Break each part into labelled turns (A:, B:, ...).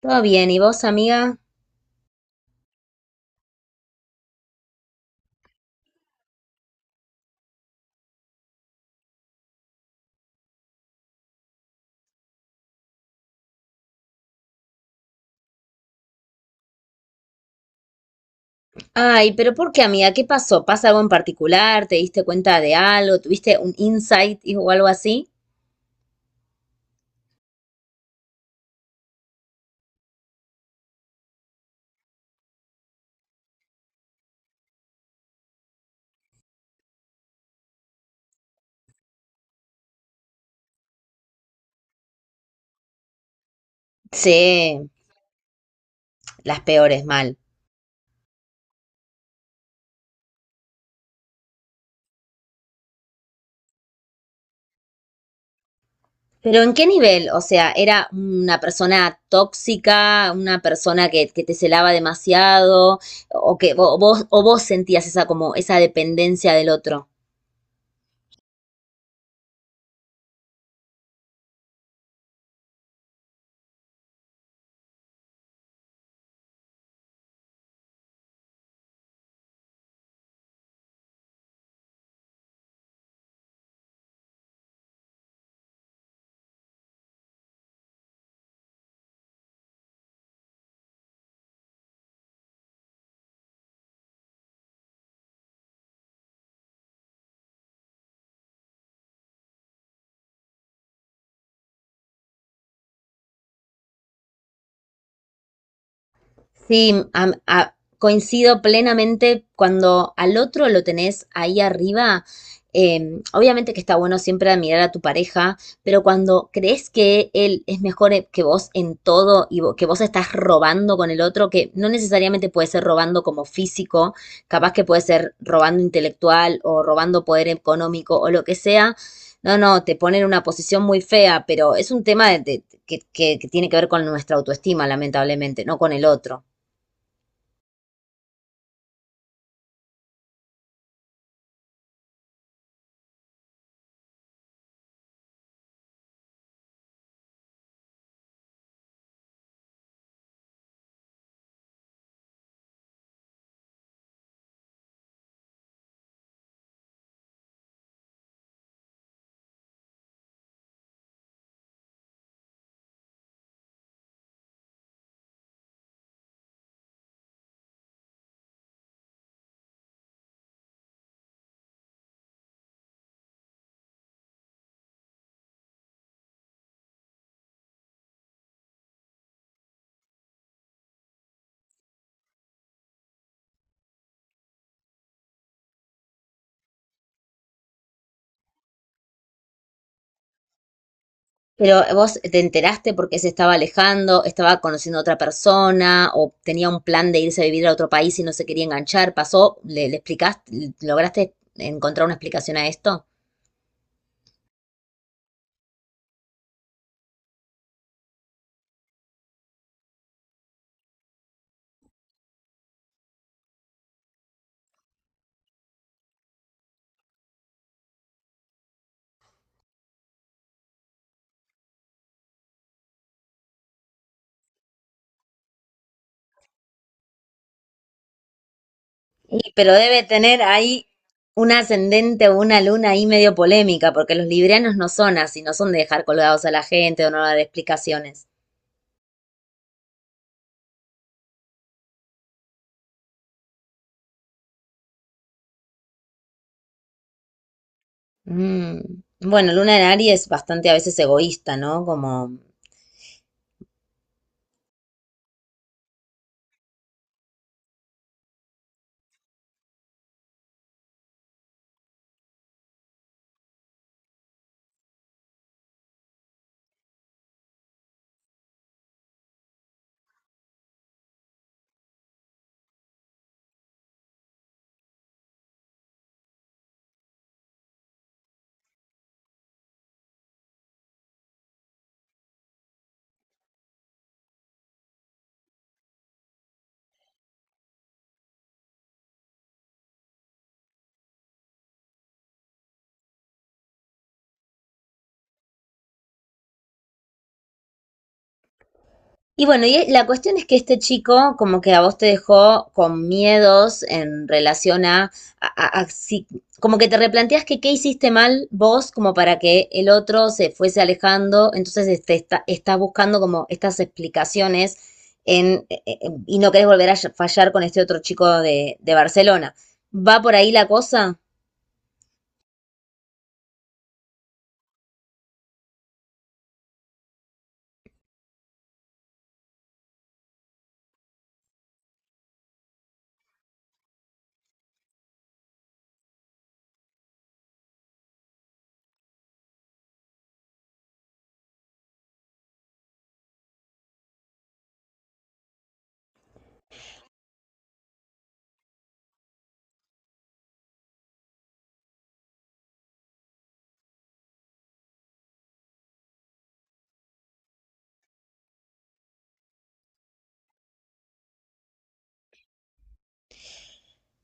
A: Todo bien, ¿y vos, amiga? Ay, pero ¿por qué, amiga? ¿Qué pasó? ¿Pasa algo en particular? ¿Te diste cuenta de algo? ¿Tuviste un insight o algo así? Sí, las peores, mal. Pero ¿en qué nivel? O sea, ¿era una persona tóxica, una persona que te celaba demasiado, o que vos, o vos sentías esa como esa dependencia del otro? Sí, coincido plenamente cuando al otro lo tenés ahí arriba. Obviamente que está bueno siempre admirar a tu pareja, pero cuando crees que él es mejor que vos en todo y que vos estás robando con el otro, que no necesariamente puede ser robando como físico, capaz que puede ser robando intelectual o robando poder económico o lo que sea, no, te pone en una posición muy fea, pero es un tema que, que tiene que ver con nuestra autoestima, lamentablemente, no con el otro. Pero vos te enteraste porque se estaba alejando, estaba conociendo a otra persona o tenía un plan de irse a vivir a otro país y no se quería enganchar. ¿Pasó? ¿Le explicaste? ¿Lograste encontrar una explicación a esto? Y, pero debe tener ahí un ascendente o una luna ahí medio polémica, porque los librianos no son así, no son de dejar colgados a la gente o no dar explicaciones. Mm. Bueno, luna en Aries es bastante a veces egoísta, ¿no? Como y bueno, y la cuestión es que este chico como que a vos te dejó con miedos en relación a- a, como que te replanteas que qué hiciste mal vos como para que el otro se fuese alejando, entonces estás buscando como estas explicaciones en, y no querés volver a fallar con este otro chico de Barcelona. ¿Va por ahí la cosa?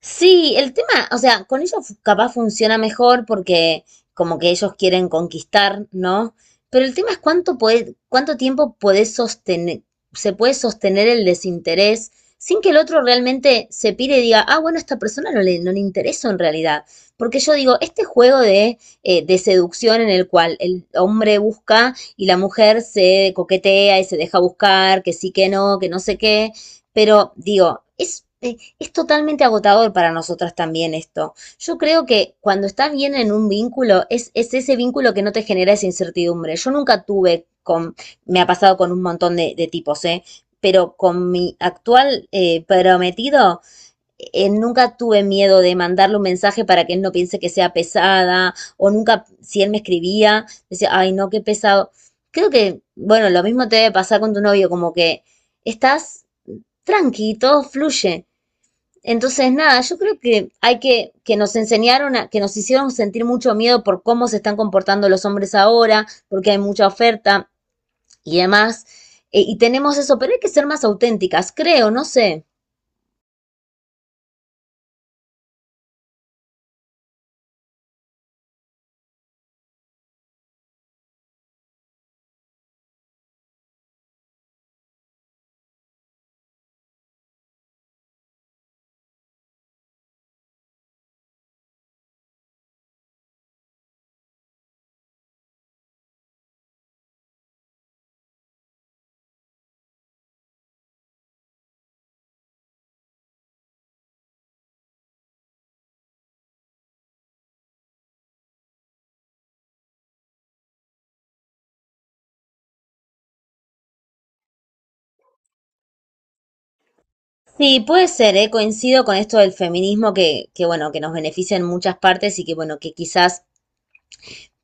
A: Sí, el tema, o sea, con ellos capaz funciona mejor porque como que ellos quieren conquistar, ¿no? Pero el tema es cuánto puede, cuánto tiempo podés sostener, se puede sostener el desinterés sin que el otro realmente se pire y diga, ah, bueno, a esta persona no le intereso en realidad. Porque yo digo, este juego de seducción en el cual el hombre busca y la mujer se coquetea y se deja buscar, que sí, que no sé qué, pero digo, es… es totalmente agotador para nosotras también esto. Yo creo que cuando estás bien en un vínculo, es ese vínculo que no te genera esa incertidumbre. Yo nunca tuve con, me ha pasado con un montón de tipos, ¿eh? Pero con mi actual prometido, nunca tuve miedo de mandarle un mensaje para que él no piense que sea pesada, o nunca, si él me escribía, decía, ay, no, qué pesado. Creo que, bueno, lo mismo te debe pasar con tu novio, como que estás tranqui, todo fluye. Entonces, nada, yo creo que hay que nos enseñaron, a, que nos hicieron sentir mucho miedo por cómo se están comportando los hombres ahora, porque hay mucha oferta y demás. Y tenemos eso, pero hay que ser más auténticas, creo, no sé. Sí, puede ser, ¿eh? Coincido con esto del feminismo bueno, que nos beneficia en muchas partes y que, bueno, que quizás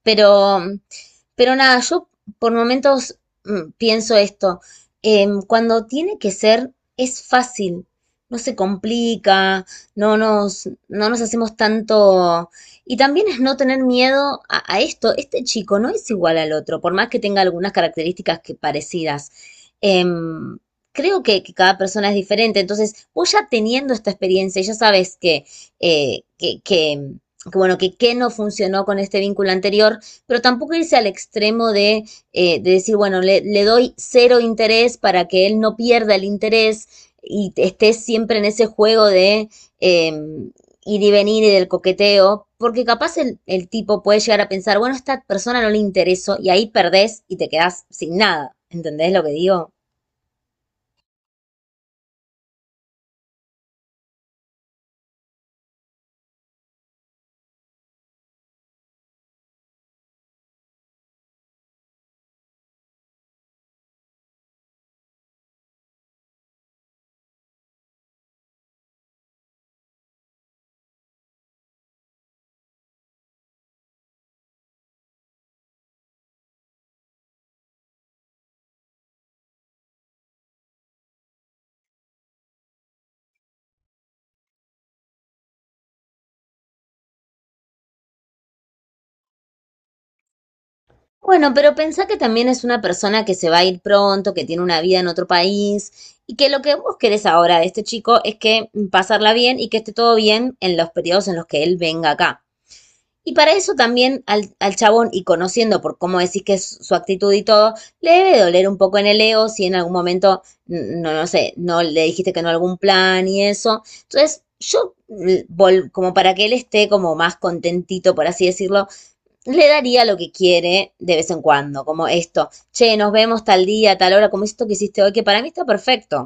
A: Pero, pero nada, yo por momentos pienso esto. Cuando tiene que ser, es fácil, no se complica, no nos hacemos tanto. Y también es no tener miedo a esto. Este chico no es igual al otro, por más que tenga algunas características que parecidas. Em, Creo que cada persona es diferente. Entonces, vos ya teniendo esta experiencia, ya sabes que, eh, que, que que bueno, que qué no funcionó con este vínculo anterior, pero tampoco irse al extremo de decir, bueno, doy cero interés para que él no pierda el interés y esté siempre en ese juego de eh, ir y venir y del coqueteo, porque capaz el tipo puede llegar a pensar, bueno, a esta persona no le interesó y ahí perdés y te quedás sin nada. ¿Entendés lo que digo? Bueno, pero pensá que también es una persona que se va a ir pronto, que tiene una vida en otro país y que lo que vos querés ahora de este chico es que pasarla bien y que esté todo bien en los periodos en los que él venga acá. Y para eso también al chabón, y conociendo por cómo decís que es su actitud y todo, le debe doler un poco en el ego si en algún momento, no sé, no le dijiste que no a algún plan y eso. Entonces, yo, como para que él esté como más contentito, por así decirlo, le daría lo que quiere de vez en cuando, como esto, che, nos vemos tal día, tal hora, como esto que hiciste hoy, que para mí está perfecto,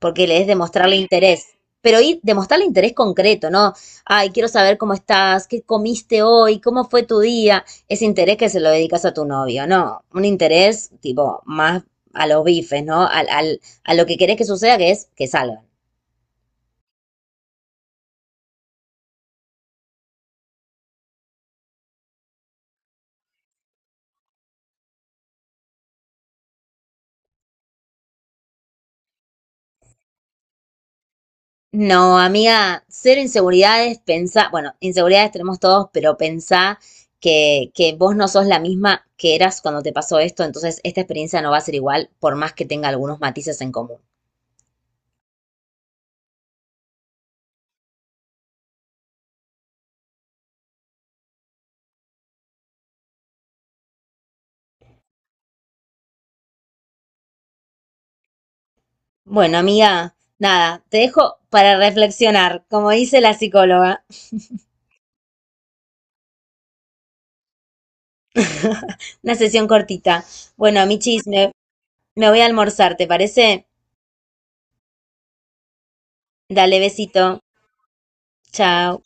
A: porque le es demostrarle interés. Pero ir, demostrarle interés concreto, ¿no? Ay, quiero saber cómo estás, qué comiste hoy, cómo fue tu día. Ese interés que se lo dedicas a tu novio, ¿no? Un interés tipo más a los bifes, ¿no? A lo que querés que suceda, que es que salgan. No, amiga, cero inseguridades, pensá, bueno, inseguridades tenemos todos, pero pensá que vos no sos la misma que eras cuando te pasó esto, entonces esta experiencia no va a ser igual, por más que tenga algunos matices en común. Bueno, amiga, nada, te dejo para reflexionar, como dice la psicóloga, una sesión cortita. Bueno, Michis, me voy a almorzar, ¿te parece? Dale besito, chao.